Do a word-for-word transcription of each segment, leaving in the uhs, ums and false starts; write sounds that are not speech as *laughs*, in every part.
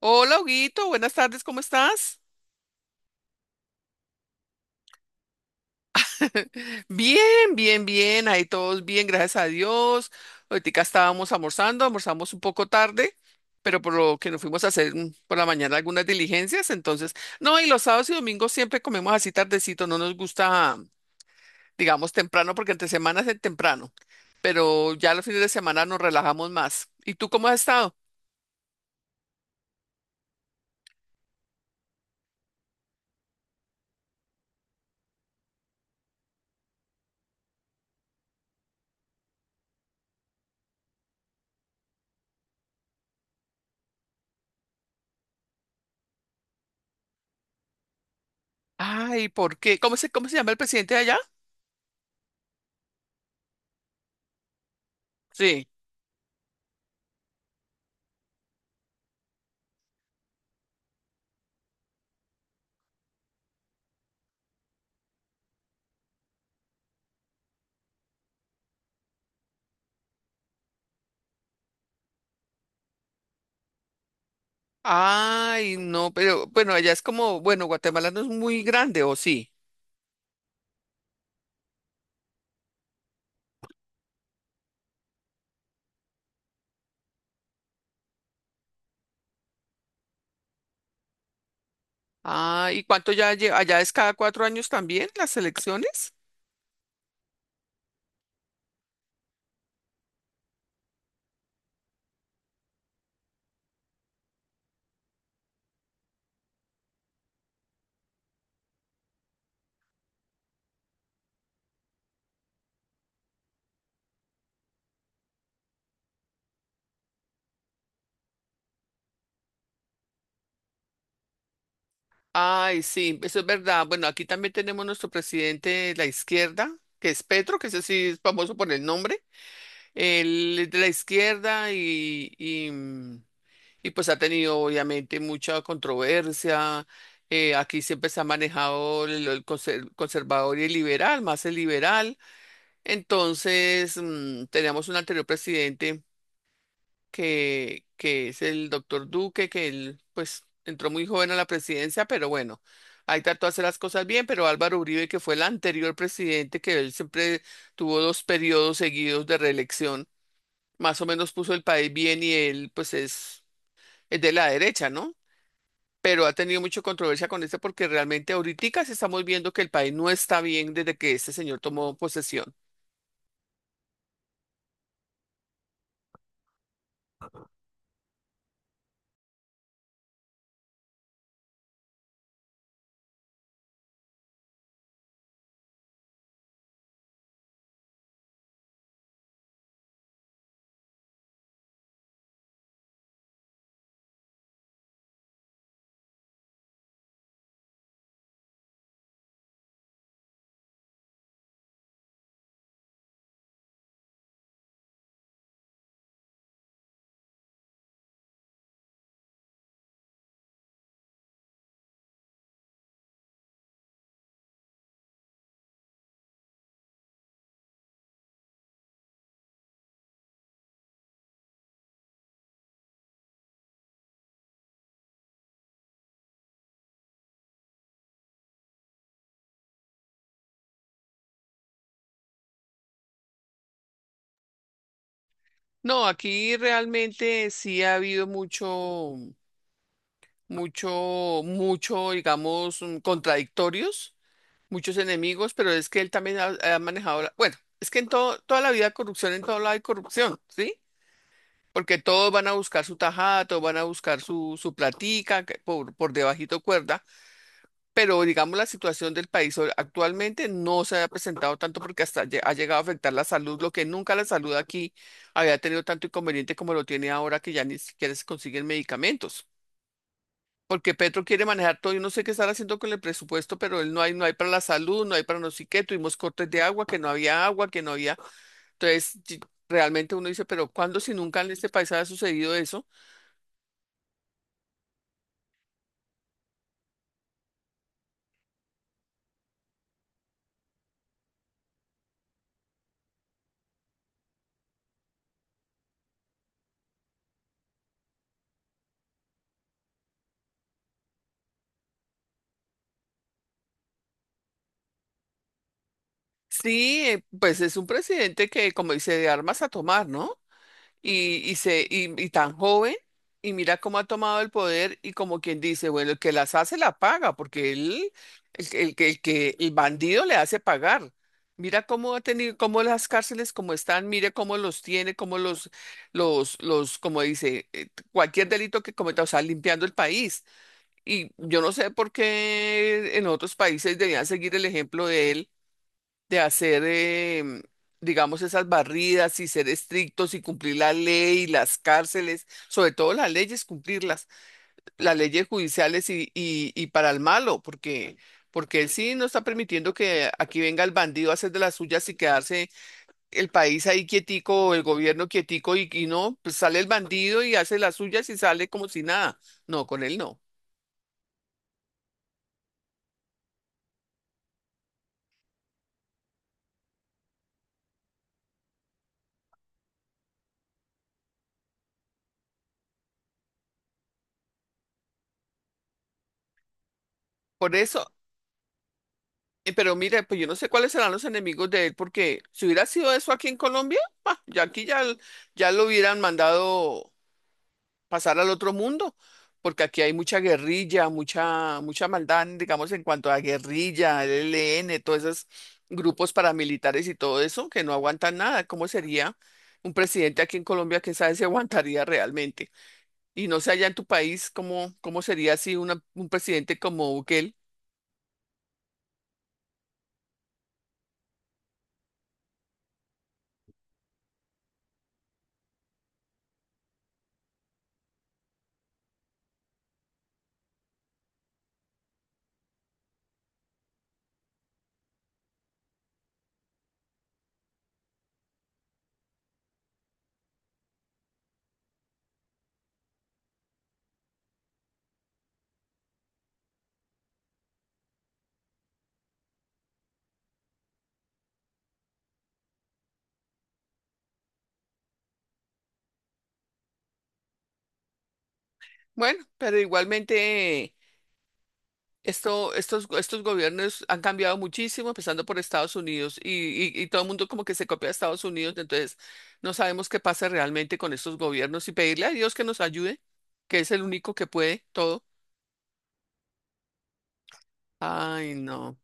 Hola, Huguito, buenas tardes, ¿cómo estás? *laughs* Bien, bien, bien, ahí todos bien, gracias a Dios. Ahorita estábamos almorzando, almorzamos un poco tarde, pero por lo que nos fuimos a hacer mm, por la mañana algunas diligencias, entonces, no, y los sábados y domingos siempre comemos así tardecito, no nos gusta, digamos, temprano, porque entre semanas es el temprano, pero ya los fines de semana nos relajamos más. ¿Y tú cómo has estado? Ay, ¿por qué? ¿Cómo se, cómo se llama el presidente de allá? Sí. Ay, no, pero bueno, allá es como, bueno, Guatemala no es muy grande, ¿o sí? Ah, ¿y cuánto ya lleva? ¿Allá es cada cuatro años también las elecciones? Ay, sí, eso es verdad. Bueno, aquí también tenemos nuestro presidente de la izquierda, que es Petro, que ese sí es famoso por el nombre. Él es de la izquierda y, y, mm, y, pues ha tenido obviamente mucha controversia. Eh, aquí siempre se ha manejado el, el conser- conservador y el liberal, más el liberal. Entonces, mm, teníamos un anterior presidente que, que es el doctor Duque, que él pues entró muy joven a la presidencia, pero bueno, ahí trató de hacer las cosas bien, pero Álvaro Uribe, que fue el anterior presidente, que él siempre tuvo dos periodos seguidos de reelección, más o menos puso el país bien y él pues es, es de la derecha, ¿no? Pero ha tenido mucha controversia con este porque realmente ahorita sí estamos viendo que el país no está bien desde que este señor tomó posesión. No, aquí realmente sí ha habido mucho, mucho, mucho, digamos, mm, contradictorios, muchos enemigos, pero es que él también ha, ha manejado, la- bueno, es que en todo, toda la vida hay corrupción, en todo lado hay corrupción, ¿sí? Porque todos van a buscar su tajada, todos van a buscar su, su platica que por, por debajito cuerda, pero digamos la situación del país hoy- actualmente no se había presentado tanto porque hasta lle- ha llegado a afectar la salud, lo que nunca la salud aquí había tenido tanto inconveniente como lo tiene ahora que ya ni siquiera se consiguen medicamentos. Porque Petro quiere manejar todo, yo no sé qué estar haciendo con el presupuesto, pero él no hay, no hay para la salud, no hay para no sé qué, tuvimos cortes de agua, que no había agua, que no había. Entonces, y- realmente uno dice, pero ¿cuándo si nunca en este país ha sucedido eso? Sí, eh, pues es un presidente que, como dice, de armas a tomar, ¿no? y, y, se, y, y tan joven, y mira cómo ha tomado el poder y como quien dice, bueno, el que las hace la paga, porque él, el, que- el, que el que el bandido le hace pagar. Mira cómo ha tenido, cómo las cárceles como están, mire cómo los tiene, cómo los, los, los, como dice, eh, cualquier delito que cometa, o sea, limpiando el país. Y yo no sé por qué en otros países debían seguir el ejemplo de él de hacer, em, digamos, esas barridas y ser estrictos y cumplir la ley, las cárceles, sobre todo las leyes, cumplirlas, las leyes judiciales y, y, y para el malo, porque, porque él sí no está permitiendo que aquí venga el bandido a hacer de las suyas y quedarse el país ahí quietico, o el gobierno quietico y, y no, pues sale el bandido y hace las suyas y sale como si nada. No, con él no. Por eso. Eh, Pero mire, pues yo no sé cuáles serán los enemigos de él, porque si hubiera sido eso aquí en Colombia, pa, ya aquí ya, l- ya lo hubieran mandado pasar al otro mundo, porque aquí hay mucha guerrilla, mucha, mucha maldad, digamos, en cuanto a guerrilla, el E L N, todos esos grupos paramilitares y todo eso, que no aguantan nada. ¿Cómo sería un presidente aquí en Colombia que sabe si aguantaría realmente? Y no sé allá en tu país cómo, cómo sería así una- un presidente como Bukele. Bueno, pero igualmente. Esto, estos, estos gobiernos han cambiado muchísimo, empezando por Estados Unidos, y, y- y todo el mundo como que se copia a Estados Unidos, entonces no sabemos qué pasa realmente con estos gobiernos y pedirle a Dios que nos ayude, que es el único que puede todo. Ay, no.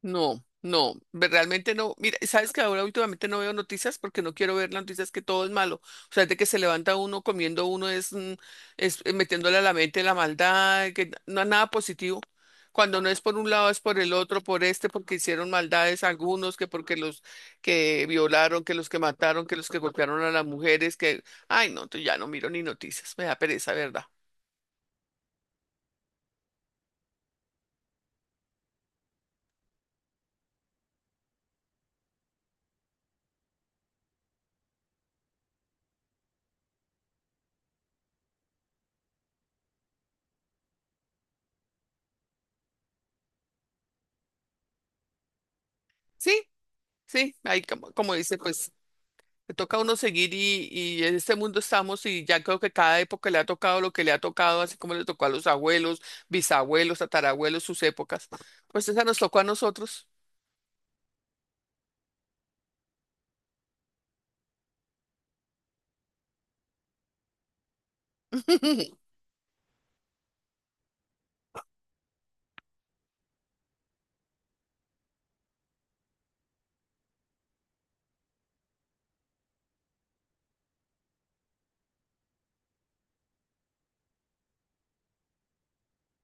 No, no, ve- realmente no. Mira, sabes que ahora últimamente no veo noticias porque no quiero ver las noticias que todo es malo. O sea, de que se levanta uno comiendo uno es, mm, es eh, metiéndole a la mente la maldad, que no es nada positivo. Cuando no es por un lado es por el otro, por este, porque hicieron maldades algunos, que porque los que violaron, que los que mataron, que los que golpearon a las mujeres, que, ay, no, entonces ya no miro ni noticias, me da pereza, ¿verdad? Sí, sí, ahí como, como dice, pues le toca a uno seguir y, y en este mundo estamos y ya creo que cada época le ha tocado lo que le ha tocado, así como le tocó a los abuelos, bisabuelos, tatarabuelos, sus épocas. Pues esa nos tocó a nosotros. *laughs*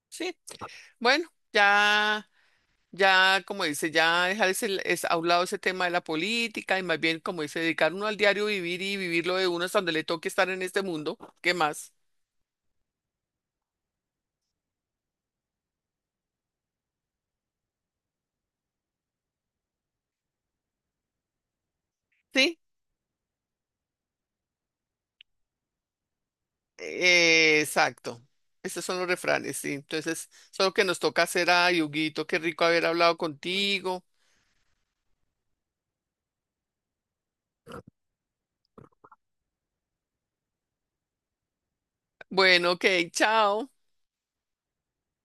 Sí, bueno, ya. Ya, como dice, ya dejar ese, es, a un lado ese tema de la política y más bien, como dice, dedicar uno al diario vivir y vivir lo de uno hasta donde le toque estar en este mundo. ¿Qué más? Sí, eh, exacto. Estos son los refranes, sí. Entonces, solo que nos toca hacer a Yuguito. Qué rico haber hablado contigo. Bueno, ok, chao.